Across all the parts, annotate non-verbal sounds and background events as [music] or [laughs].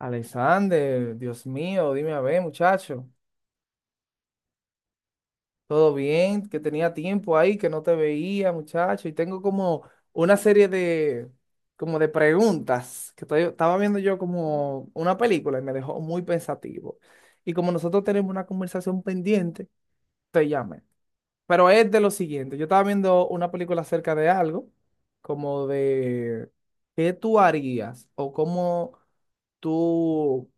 Alexander, Dios mío, dime a ver, muchacho. ¿Todo bien? Que tenía tiempo ahí, que no te veía, muchacho. Y tengo como una serie de, como de preguntas que estaba viendo yo como una película y me dejó muy pensativo. Y como nosotros tenemos una conversación pendiente, te llamé. Pero es de lo siguiente, yo estaba viendo una película acerca de algo, como de qué tú harías o cómo tú.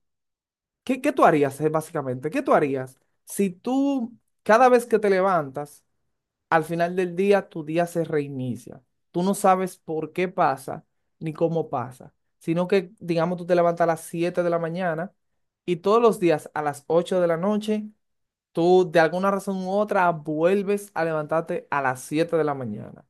¿Qué tú harías, básicamente? ¿Qué tú harías si tú, cada vez que te levantas, al final del día, tu día se reinicia? Tú no sabes por qué pasa ni cómo pasa, sino que, digamos, tú te levantas a las 7 de la mañana y todos los días a las 8 de la noche, tú de alguna razón u otra vuelves a levantarte a las 7 de la mañana.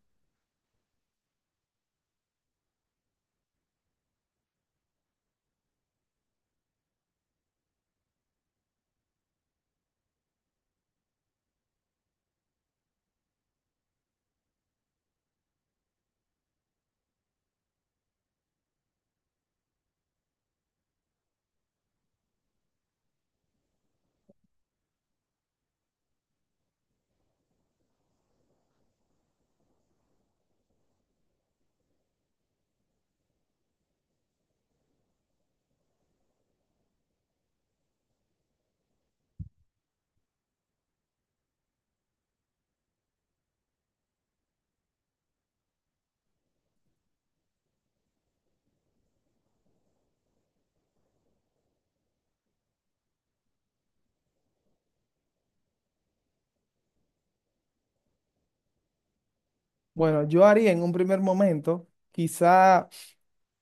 Bueno, yo haría en un primer momento, quizá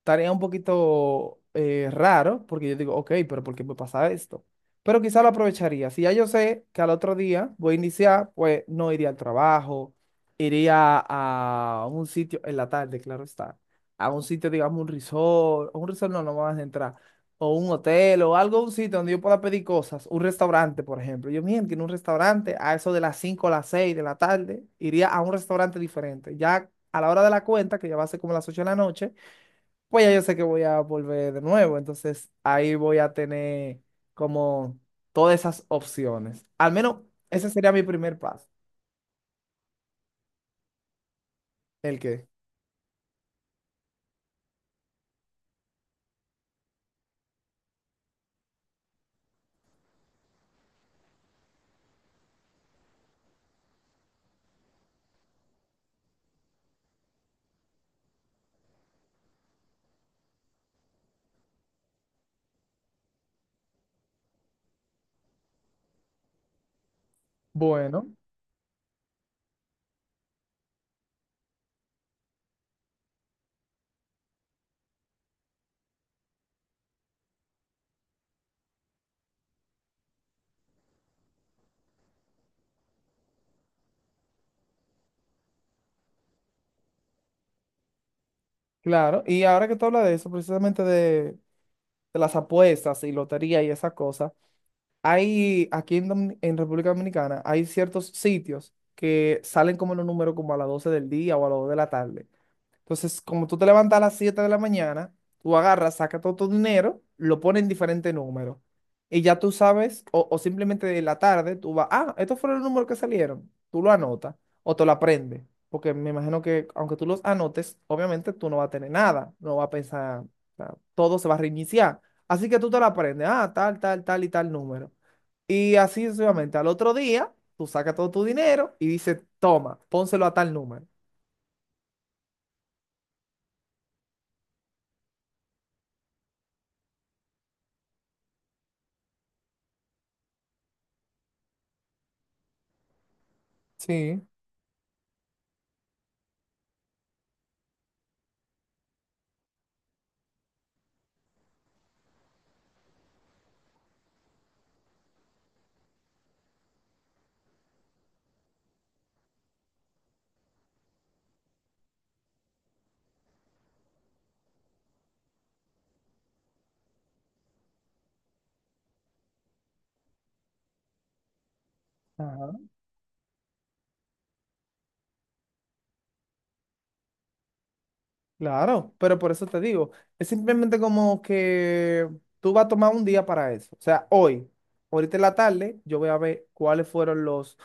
tarea un poquito raro, porque yo digo, ok, pero ¿por qué me pasa esto? Pero quizá lo aprovecharía. Si ya yo sé que al otro día voy a iniciar, pues no iría al trabajo, iría a un sitio en la tarde, claro está, a un sitio, digamos, un resort, o un resort no, no me vas a entrar, o un hotel, o algo, un sitio donde yo pueda pedir cosas, un restaurante, por ejemplo. Yo, miren, que en un restaurante, a eso de las 5 o las 6 de la tarde, iría a un restaurante diferente. Ya a la hora de la cuenta, que ya va a ser como las 8 de la noche, pues ya yo sé que voy a volver de nuevo. Entonces ahí voy a tener como todas esas opciones. Al menos ese sería mi primer paso. ¿El qué? Bueno, claro. Y ahora que tú hablas de eso, precisamente de las apuestas y lotería y esas cosas, hay aquí en República Dominicana, hay ciertos sitios que salen como en un número como a las 12 del día o a las 2 de la tarde. Entonces, como tú te levantas a las 7 de la mañana, tú agarras, sacas todo tu dinero, lo pones en diferente números. Y ya tú sabes, o simplemente de la tarde, tú vas, ah, estos fueron los números que salieron. Tú lo anotas o te lo aprendes. Porque me imagino que aunque tú los anotes, obviamente tú no vas a tener nada, no vas a pensar, o sea, todo se va a reiniciar. Así que tú te lo aprendes, ah, tal, tal, tal y tal número. Y así sucesivamente, al otro día, tú sacas todo tu dinero y dices, toma, pónselo a tal número. Sí. Claro, pero por eso te digo, es simplemente como que tú vas a tomar un día para eso. O sea, hoy, ahorita en la tarde, yo voy a ver cuáles fueron los,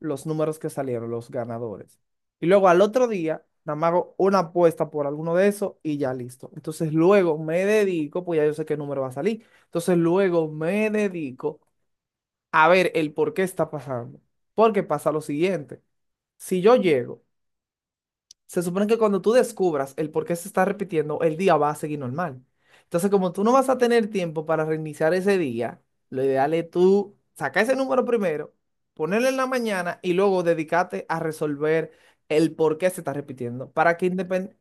los números que salieron, los ganadores. Y luego al otro día, nada más hago una apuesta por alguno de esos y ya listo. Entonces luego me dedico, pues ya yo sé qué número va a salir. Entonces luego me dedico a ver el por qué está pasando. Porque pasa lo siguiente. Si yo llego, se supone que cuando tú descubras el por qué se está repitiendo, el día va a seguir normal. Entonces, como tú no vas a tener tiempo para reiniciar ese día, lo ideal es tú sacar ese número primero, ponerlo en la mañana y luego dedicarte a resolver el por qué se está repitiendo. Para que independiente.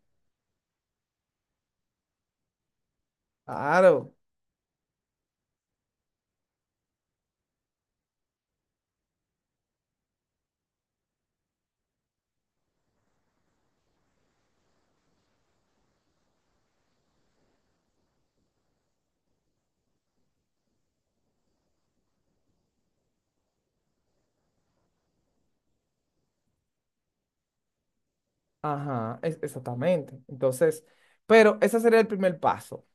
Claro, ajá, exactamente. Entonces, pero ese sería el primer paso,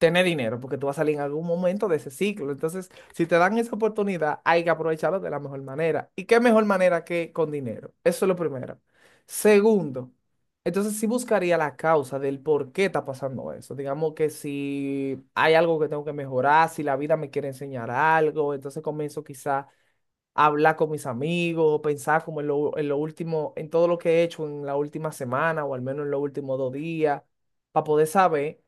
tener dinero, porque tú vas a salir en algún momento de ese ciclo. Entonces, si te dan esa oportunidad, hay que aprovecharlo de la mejor manera. ¿Y qué mejor manera que con dinero? Eso es lo primero. Segundo, entonces sí buscaría la causa del por qué está pasando eso. Digamos que si hay algo que tengo que mejorar, si la vida me quiere enseñar algo, entonces comienzo quizá a hablar con mis amigos, pensar como en lo último, en todo lo que he hecho en la última semana o al menos en los últimos 2 días, para poder saber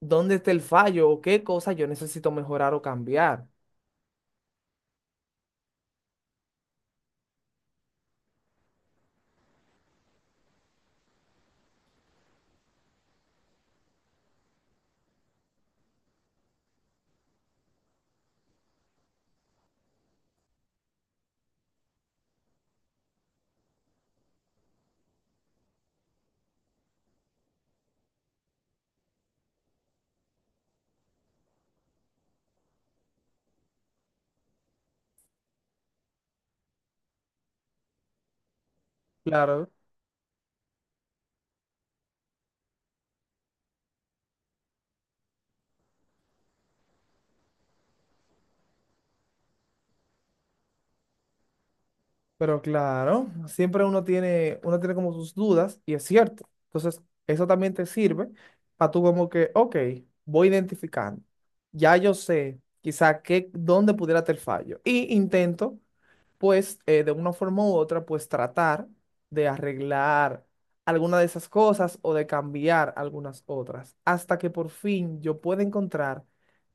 dónde está el fallo o qué cosa yo necesito mejorar o cambiar. Claro, pero claro, siempre uno tiene como sus dudas y es cierto. Entonces, eso también te sirve para tú como que, ok, voy identificando. Ya yo sé quizá qué, dónde pudiera estar el fallo. Y intento pues de una forma u otra, pues tratar de arreglar alguna de esas cosas o de cambiar algunas otras, hasta que por fin yo pueda encontrar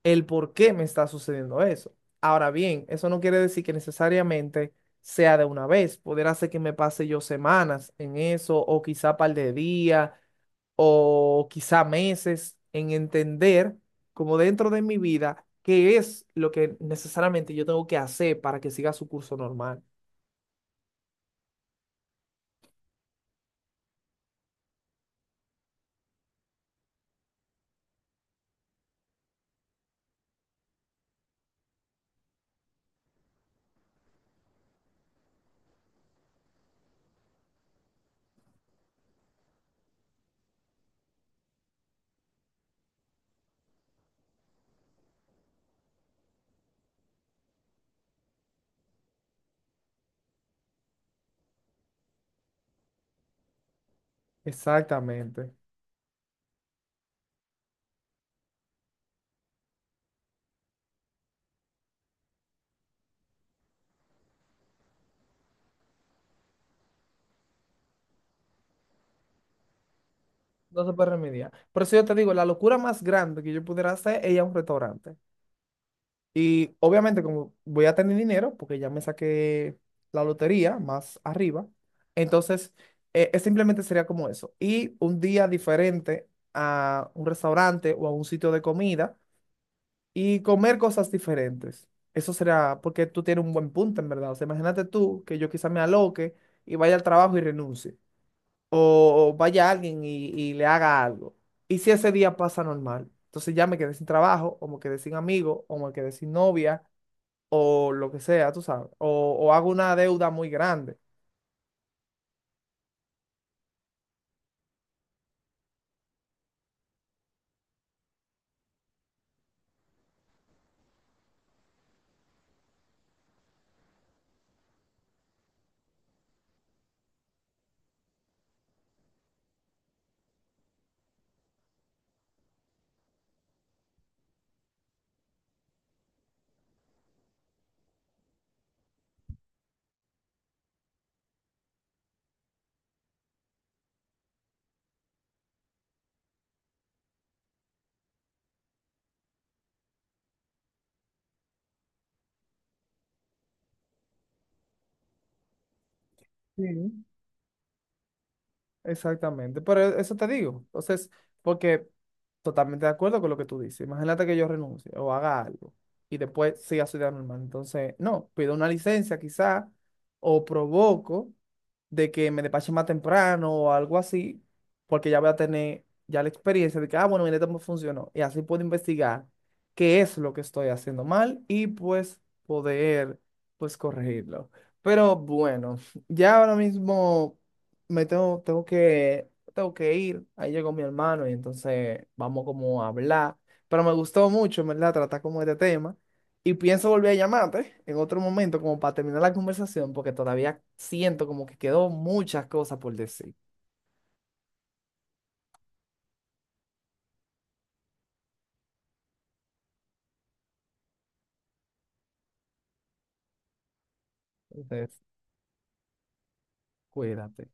el por qué me está sucediendo eso. Ahora bien, eso no quiere decir que necesariamente sea de una vez, podría ser que me pase yo semanas en eso, o quizá par de días, o quizá meses en entender como dentro de mi vida qué es lo que necesariamente yo tengo que hacer para que siga su curso normal. Exactamente. No se puede remediar. Por eso yo te digo, la locura más grande que yo pudiera hacer es ir a un restaurante. Y obviamente, como voy a tener dinero, porque ya me saqué la lotería más arriba, entonces simplemente sería como eso. Y un día diferente a un restaurante o a un sitio de comida y comer cosas diferentes. Eso será porque tú tienes un buen punto, en verdad. O sea, imagínate tú que yo quizá me aloque y vaya al trabajo y renuncie, o vaya alguien y le haga algo. Y si ese día pasa normal, entonces ya me quedé sin trabajo, o me quedé sin amigo, o me quedé sin novia, o lo que sea, tú sabes, o hago una deuda muy grande. Sí. Exactamente, pero eso te digo, entonces, porque totalmente de acuerdo con lo que tú dices. Imagínate que yo renuncie o haga algo y después siga su vida normal. Entonces, no, pido una licencia quizá o provoco de que me despachen más temprano o algo así, porque ya voy a tener ya la experiencia de que, ah, bueno, mira cómo funcionó. Y así puedo investigar qué es lo que estoy haciendo mal y pues poder, pues corregirlo. Pero bueno, [laughs] ya ahora mismo me tengo que ir. Ahí llegó mi hermano y entonces vamos como a hablar. Pero me gustó mucho, en ¿verdad? Tratar como este tema. Y pienso volver a llamarte en otro momento como para terminar la conversación porque todavía siento como que quedó muchas cosas por decir. Entonces, cuídate.